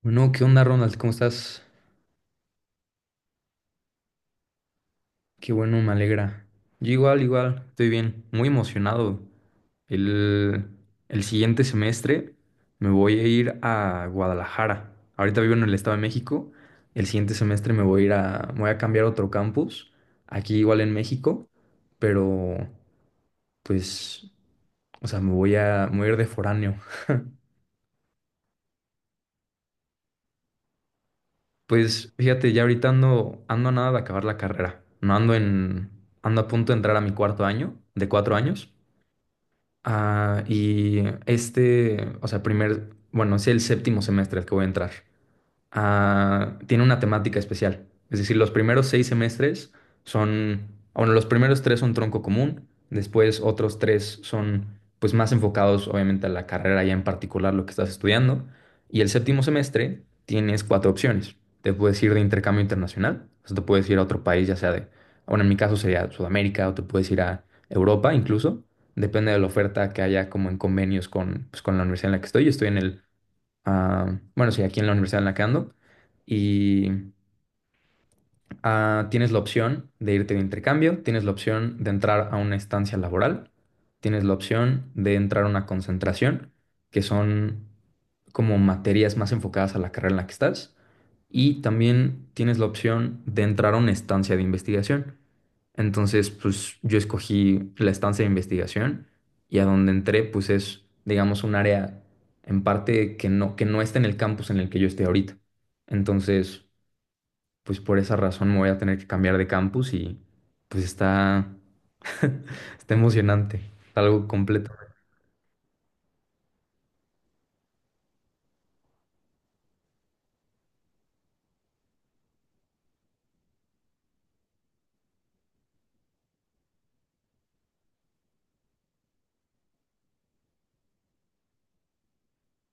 Bueno, ¿qué onda, Ronald? ¿Cómo estás? Qué bueno, me alegra. Yo igual, igual, estoy bien, muy emocionado. El, el siguiente semestre me voy a ir a Guadalajara. Ahorita vivo en el Estado de México. El siguiente semestre me voy a cambiar a otro campus, aquí igual en México, pero pues, o sea, me voy a ir de foráneo. Pues fíjate, ya ahorita ando a nada de acabar la carrera. No ando en, Ando a punto de entrar a mi cuarto año, de cuatro años. Y este, o sea, bueno, es el séptimo semestre al que voy a entrar, tiene una temática especial. Es decir, los primeros seis semestres son, bueno, los primeros tres son tronco común, después otros tres son pues más enfocados obviamente a la carrera ya en particular lo que estás estudiando, y el séptimo semestre tienes cuatro opciones. Te puedes ir de intercambio internacional, o sea, te puedes ir a otro país, ya sea de, bueno, en mi caso sería Sudamérica, o te puedes ir a Europa incluso, depende de la oferta que haya como en convenios con la universidad en la que estoy. Yo estoy bueno, sí, aquí en la Universidad de la que y, tienes la opción de irte de intercambio, tienes la opción de entrar a una estancia laboral, tienes la opción de entrar a una concentración, que son como materias más enfocadas a la carrera en la que estás, y también tienes la opción de entrar a una estancia de investigación. Entonces, pues yo escogí la estancia de investigación y a donde entré, pues es, digamos, un área en parte que no está en el campus en el que yo estoy ahorita. Entonces, pues por esa razón me voy a tener que cambiar de campus y pues está, está emocionante, algo completo.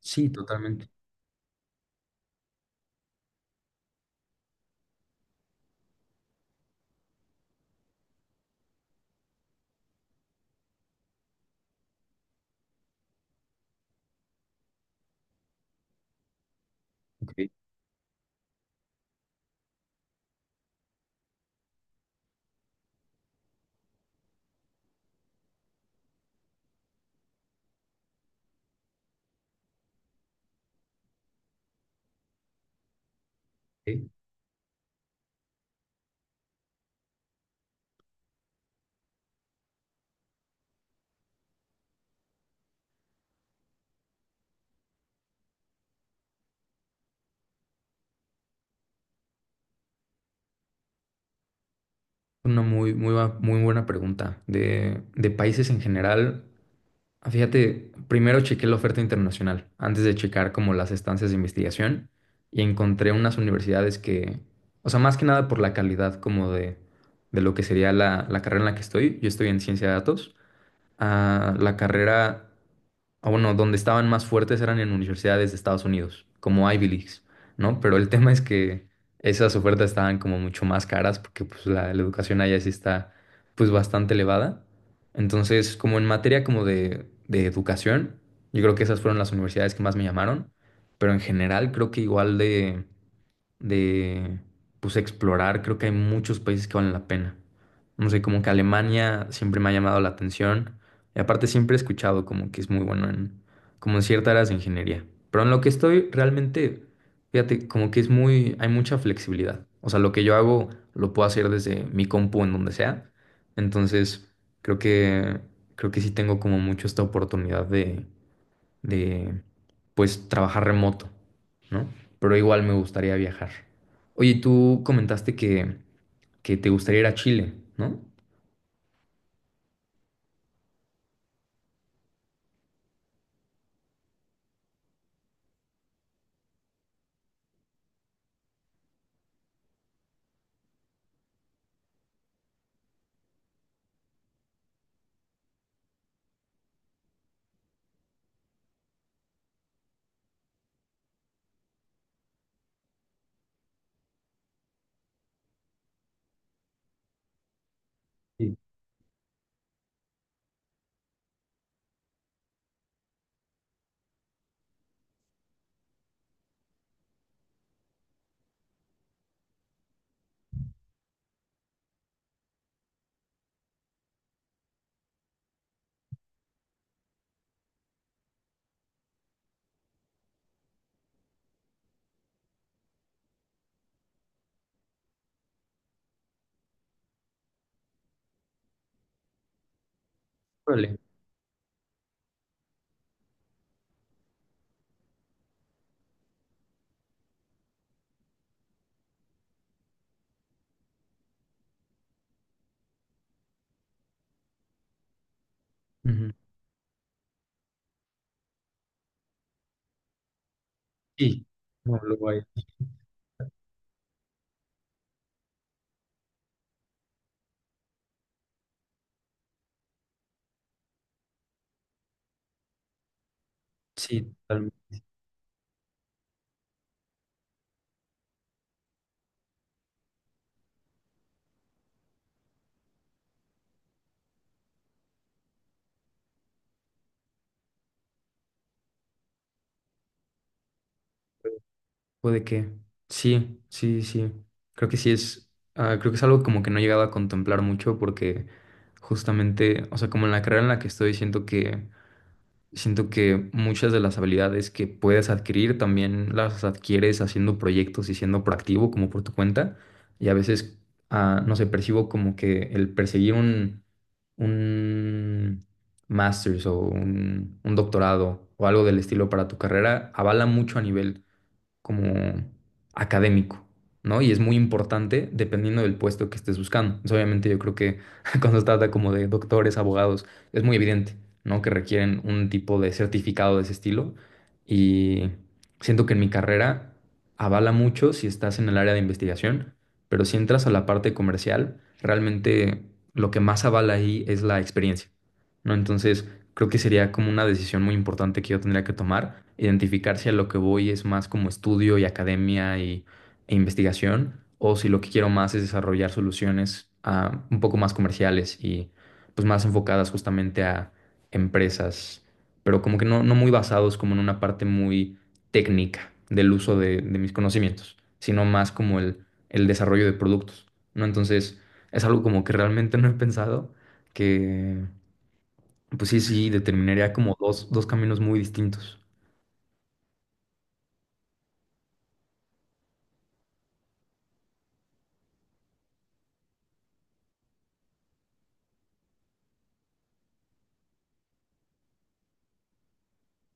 Sí, totalmente. Ok, ok. Una muy, muy, muy buena pregunta. De países en general, fíjate, primero chequé la oferta internacional antes de checar como las estancias de investigación y encontré unas universidades que, o sea, más que nada por la calidad como de lo que sería la carrera en la que estoy. Yo estoy en ciencia de datos. La carrera, bueno, donde estaban más fuertes eran en universidades de Estados Unidos, como Ivy Leagues, ¿no? Pero el tema es que esas ofertas estaban como mucho más caras porque pues la educación allá sí está pues bastante elevada. Entonces, como en materia como de educación, yo creo que esas fueron las universidades que más me llamaron, pero en general creo que igual de de pues explorar. Creo que hay muchos países que valen la pena. No sé, como que Alemania siempre me ha llamado la atención. Y aparte siempre he escuchado como que es muy bueno en como en ciertas áreas de ingeniería. Pero en lo que estoy realmente, fíjate, como que es muy, hay mucha flexibilidad. O sea, lo que yo hago lo puedo hacer desde mi compu en donde sea. Entonces, creo que creo que sí tengo como mucho esta oportunidad de de pues trabajar remoto, ¿no? Pero igual me gustaría viajar. Oye, tú comentaste que te gustaría ir a Chile, ¿no? Sí. Órale. Ujú. Sí. No, luego. Sí, totalmente. Puede que. Sí, sí, sí. Creo que sí es. Creo que es algo como que no he llegado a contemplar mucho porque justamente, o sea, como en la carrera en la que estoy, siento que muchas de las habilidades que puedes adquirir también las adquieres haciendo proyectos y siendo proactivo como por tu cuenta. Y a veces, no sé, percibo como que el perseguir un, master's o un doctorado o algo del estilo para tu carrera avala mucho a nivel como académico, ¿no? Y es muy importante dependiendo del puesto que estés buscando. Entonces, obviamente yo creo que cuando se trata como de doctores, abogados, es muy evidente, ¿no? Que requieren un tipo de certificado de ese estilo y siento que en mi carrera avala mucho si estás en el área de investigación, pero si entras a la parte comercial, realmente lo que más avala ahí es la experiencia, ¿no? Entonces, creo que sería como una decisión muy importante que yo tendría que tomar, identificar si a lo que voy es más como estudio y academia e investigación, o si lo que quiero más es desarrollar soluciones un poco más comerciales y pues más enfocadas justamente a empresas, pero como que no muy basados como en una parte muy técnica del uso de mis conocimientos, sino más como el desarrollo de productos, ¿no? Entonces, es algo como que realmente no he pensado que pues sí, sí, determinaría como dos caminos muy distintos.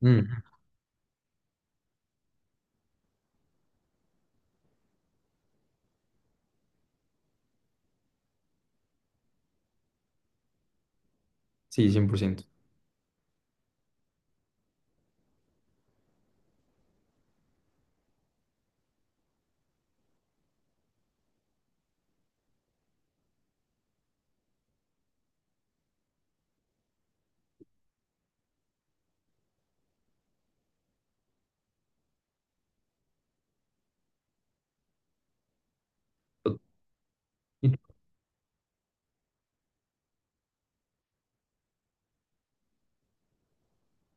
Mm, sí, 100%. To-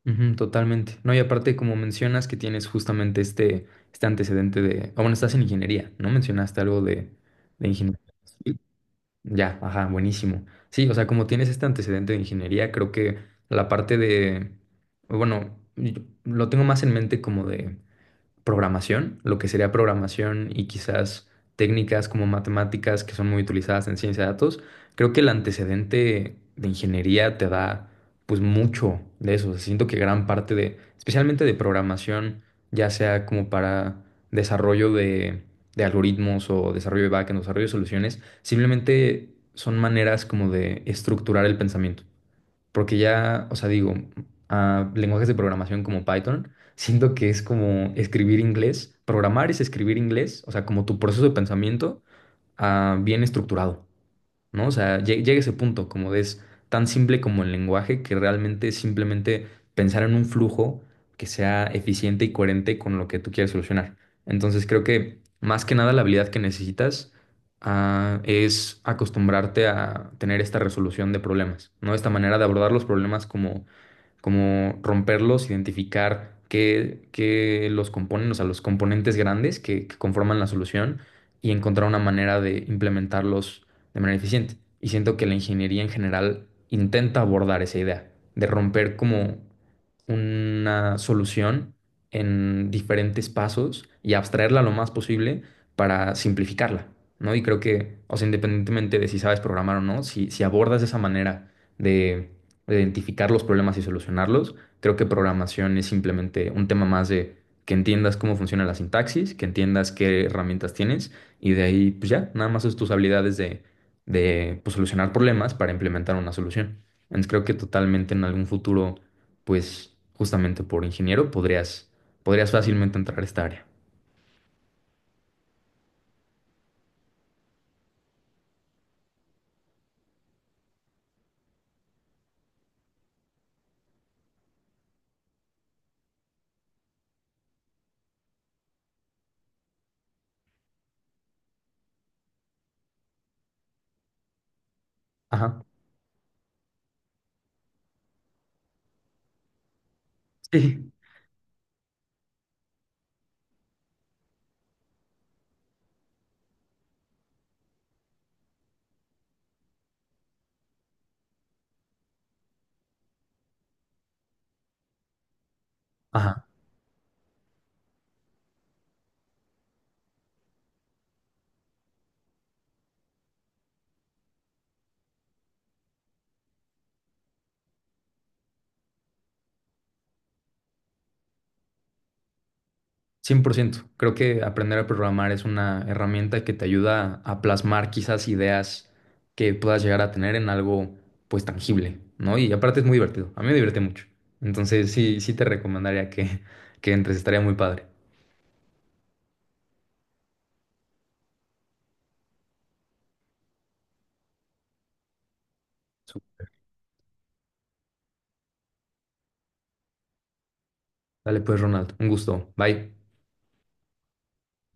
Ujú, totalmente. No, y aparte, como mencionas que tienes justamente este antecedente de... Ah, bueno, estás en ingeniería, ¿no? Mencionaste algo de ingeniería civil. Ya, ajá, buenísimo. Sí, o sea, como tienes este antecedente de ingeniería, creo que la parte de... Bueno, yo lo tengo más en mente como de programación, lo que sería programación y quizás técnicas como matemáticas que son muy utilizadas en ciencia de datos, creo que el antecedente de ingeniería te da pues mucho de eso. O sea, siento que gran parte de, especialmente de programación, ya sea como para desarrollo de algoritmos o desarrollo de backend, desarrollo de soluciones, simplemente son maneras como de estructurar el pensamiento. Porque ya, o sea, digo, a lenguajes de programación como Python, siento que es como escribir inglés. Programar es escribir inglés, o sea, como tu proceso de pensamiento, bien estructurado, ¿no? O sea, llega ese punto, como de es tan simple como el lenguaje, que realmente es simplemente pensar en un flujo que sea eficiente y coherente con lo que tú quieres solucionar. Entonces, creo que más que nada la habilidad que necesitas, es acostumbrarte a tener esta resolución de problemas, ¿no? Esta manera de abordar los problemas como romperlos, identificar qué los componen, o sea, los componentes grandes que conforman la solución y encontrar una manera de implementarlos de manera eficiente. Y siento que la ingeniería en general intenta abordar esa idea de romper como una solución en diferentes pasos y abstraerla lo más posible para simplificarla, ¿no? Y creo que, o sea, independientemente de si sabes programar o no, si abordas de esa manera de identificar los problemas y solucionarlos. Creo que programación es simplemente un tema más de que entiendas cómo funciona la sintaxis, que entiendas qué herramientas tienes y de ahí pues ya, nada más es tus habilidades de pues, solucionar problemas para implementar una solución. Entonces creo que totalmente en algún futuro, pues justamente por ingeniero podrías fácilmente entrar a esta área. Ajá. Sí. Ajá. 100%. Creo que aprender a programar es una herramienta que te ayuda a plasmar quizás ideas que puedas llegar a tener en algo pues tangible, ¿no? Y aparte es muy divertido. A mí me divierte mucho. Entonces sí, sí te recomendaría que entres. Estaría muy padre. Dale pues, Ronald. Un gusto. Bye.